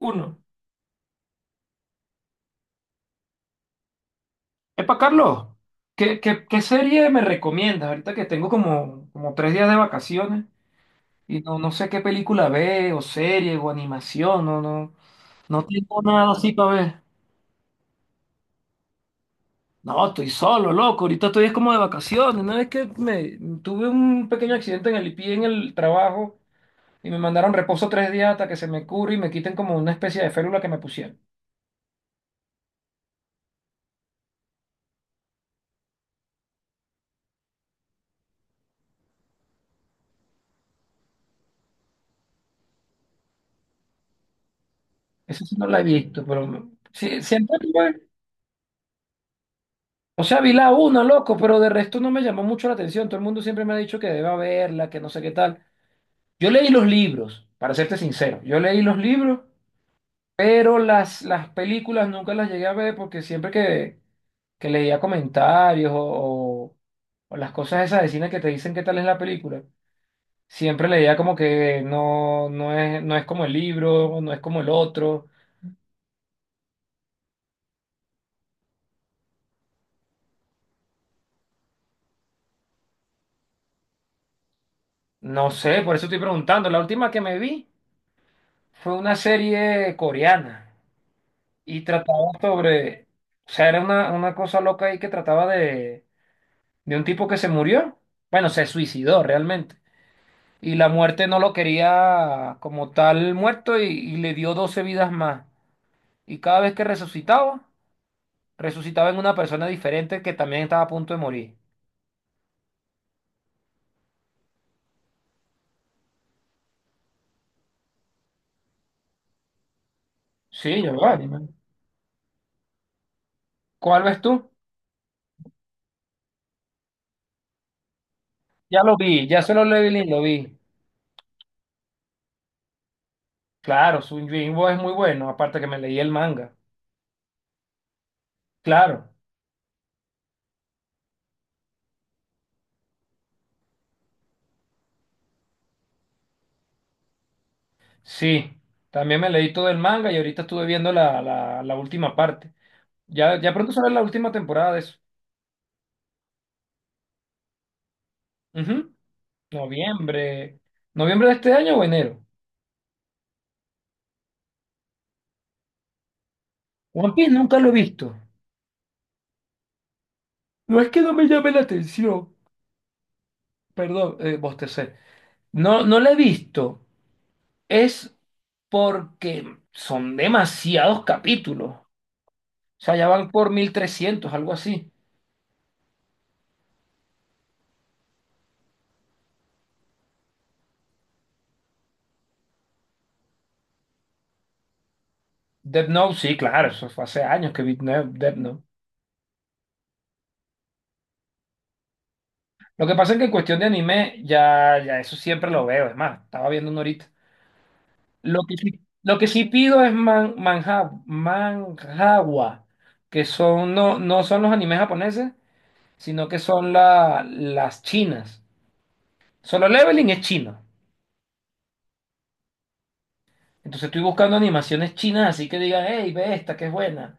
Uno. Epa, Carlos, ¿qué serie me recomiendas? Ahorita que tengo como 3 días de vacaciones y no sé qué película ve, o serie, o animación, no tengo nada así para ver. No, estoy solo, loco. Ahorita estoy es como de vacaciones. Una vez que me tuve un pequeño accidente en el pie en el trabajo y me mandaron reposo 3 días hasta que se me cure y me quiten como una especie de férula que me pusieron. Eso sí no la he visto, pero sí, siempre tuve. O sea, vi la una, loco, pero de resto no me llamó mucho la atención. Todo el mundo siempre me ha dicho que deba verla, que no sé qué tal. Yo leí los libros, para serte sincero. Yo leí los libros, pero las películas nunca las llegué a ver porque siempre que leía comentarios o las cosas esas de cine que te dicen qué tal es la película, siempre leía como que no es, no es como el libro, no es como el otro. No sé, por eso estoy preguntando. La última que me vi fue una serie coreana y trataba sobre, o sea, era una cosa loca ahí que trataba de un tipo que se murió, bueno, se suicidó realmente, y la muerte no lo quería como tal muerto y le dio 12 vidas más, y cada vez que resucitaba, resucitaba en una persona diferente que también estaba a punto de morir. Sí, yo vale, man. ¿Cuál ves tú? Ya lo vi, ya Solo Leveling lo vi. Claro, su Yimbo es muy bueno, aparte que me leí el manga. Claro. Sí, también me leí todo el manga y ahorita estuve viendo la última parte. Ya pronto sale la última temporada de eso. Ujú. Noviembre. ¿Noviembre de este año o enero? One Piece nunca lo he visto. No es que no me llame la atención. Perdón, bostecé. No, no lo he visto. Es porque son demasiados capítulos. O sea, ya van por 1.300, algo así. Death Note, sí, claro, eso fue hace años que vi Death Note. Lo que pasa es que en cuestión de anime, ya eso siempre lo veo. Es más, estaba viendo uno ahorita. Lo que sí pido es man, manja, manhwa, que son, no son los animes japoneses, sino que son las chinas. Solo Leveling es chino. Entonces estoy buscando animaciones chinas, así que digan, hey, ve esta, que es buena.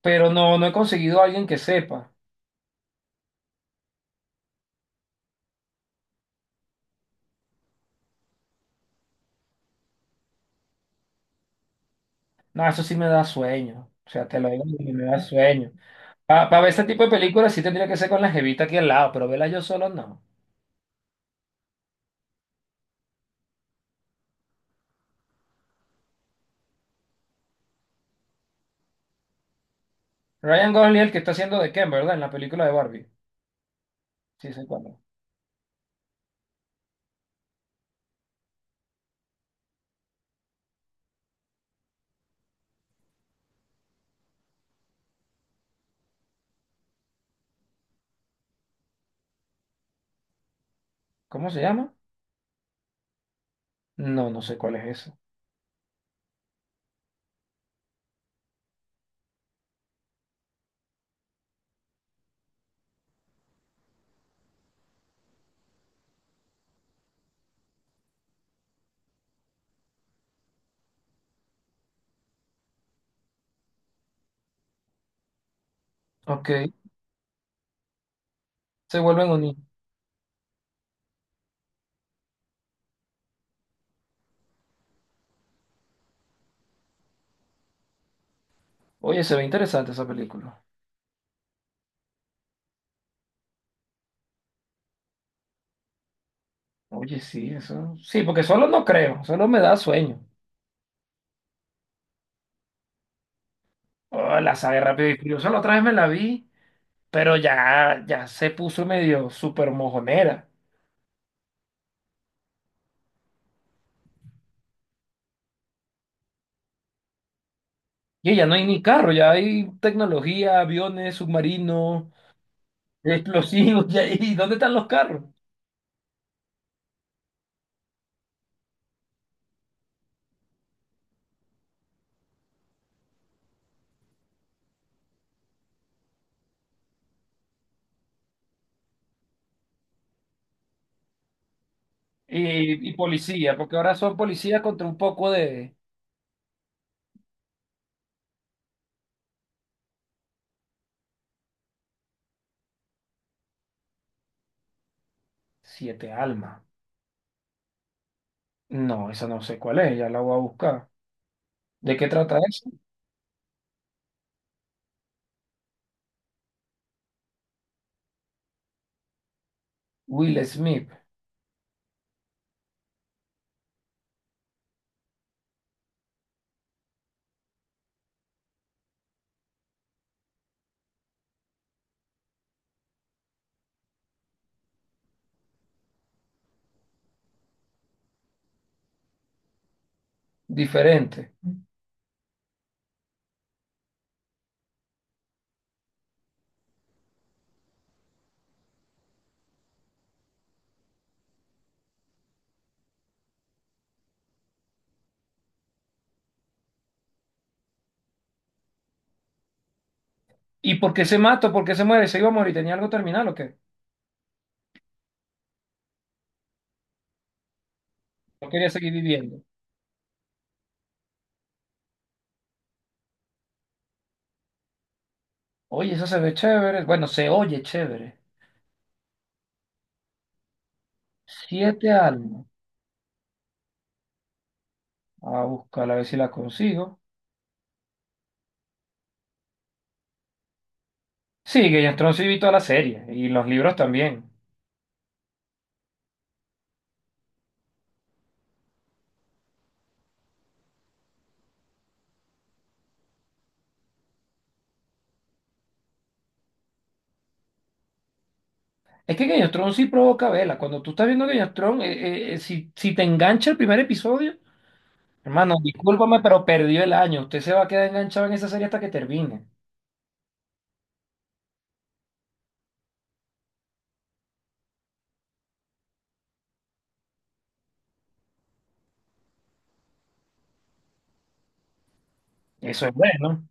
Pero no he conseguido a alguien que sepa. No, eso sí me da sueño. O sea, te lo digo, me da sueño. Para ver este tipo de películas sí tendría que ser con la jevita aquí al lado, pero verla yo solo no. Ryan Gosling, es el que está haciendo de Ken, ¿verdad? En la película de Barbie. Sí, sé cuál es. ¿Cómo se llama? No, no sé cuál es eso. Ok, se vuelven unidos. Oye, se ve interesante esa película. Oye, sí, eso. Sí, porque solo no creo, solo me da sueño. Oh, la saga de Rápido y Furioso la otra vez me la vi, pero ya se puso medio súper mojonera. Y ya no hay ni carro, ya hay tecnología, aviones, submarinos, explosivos, ¿y dónde están los carros? Y policía, porque ahora son policías contra un poco de... Siete almas. No, esa no sé cuál es, ya la voy a buscar. ¿De qué trata eso? Will Smith, diferente. ¿Y por qué se mata? ¿Por qué se muere? ¿Se iba a morir? ¿Tenía algo terminal o qué? No quería seguir viviendo. Oye, eso se ve chévere. Bueno, se oye chévere. Siete almas. A buscarla a ver si la consigo. Sí, Game of Thrones sí vi toda la serie y los libros también. Es que Game of Thrones sí provoca vela. Cuando tú estás viendo Game of Thrones, si te engancha el primer episodio. Hermano, discúlpame, pero perdió el año. Usted se va a quedar enganchado en esa serie hasta que termine. Eso es bueno.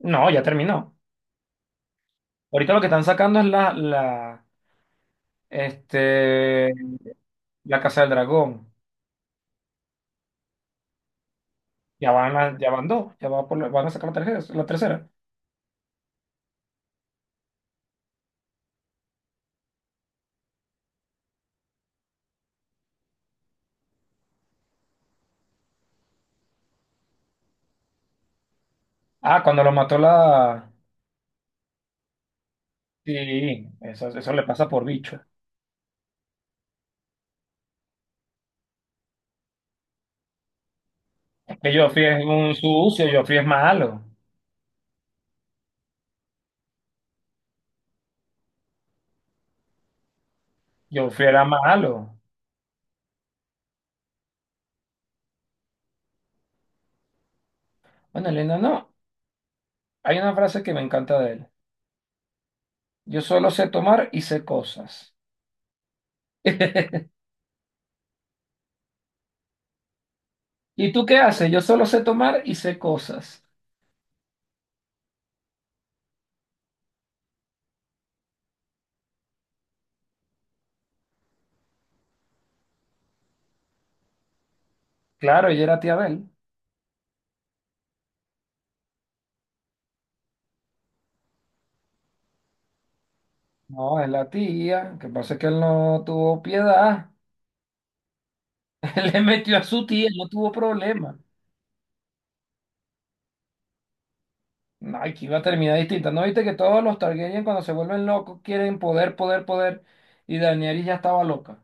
No, ya terminó. Ahorita lo que están sacando es este, la Casa del Dragón. Ya van, ya van dos, ya va por van a sacar la tercera, la tercera. Ah, cuando lo mató la... Sí, eso le pasa por bicho. Que Joffrey es un sucio, Joffrey es malo. Joffrey era malo. Bueno, Elena, no. Hay una frase que me encanta de él. Yo solo sé tomar y sé cosas. ¿Y tú qué haces? Yo solo sé tomar y sé cosas. Claro, ella era tía de él. No, es la tía. Que pasa es que él no tuvo piedad. Él le metió a su tía, no tuvo problema. Ay, que iba a terminar distinta. ¿No viste que todos los Targaryen cuando se vuelven locos quieren poder, poder, poder? Y Daenerys ya estaba loca.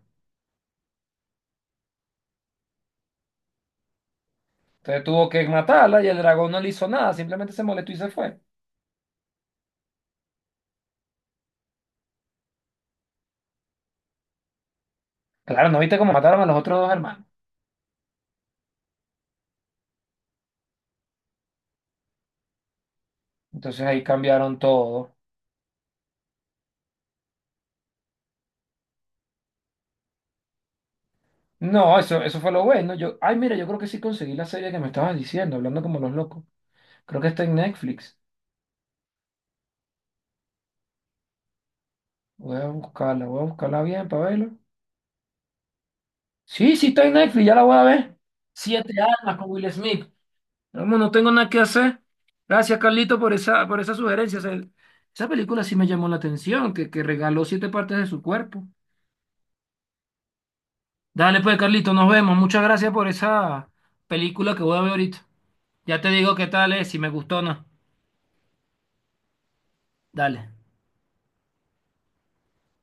Entonces tuvo que matarla y el dragón no le hizo nada, simplemente se molestó y se fue. Claro, ¿no viste cómo mataron a los otros dos hermanos? Entonces ahí cambiaron todo. No, eso fue lo bueno. Yo, ay, mira, yo creo que sí conseguí la serie que me estabas diciendo, hablando como los locos. Creo que está en Netflix. Voy a buscarla bien para verla. Sí, sí está en Netflix, ya la voy a ver. Siete almas con Will Smith. Vamos, no tengo nada que hacer. Gracias, Carlito, por esa sugerencia. O sea, esa película sí me llamó la atención, que regaló siete partes de su cuerpo. Dale, pues, Carlito, nos vemos. Muchas gracias por esa película que voy a ver ahorita. Ya te digo qué tal es, si me gustó o no. Dale.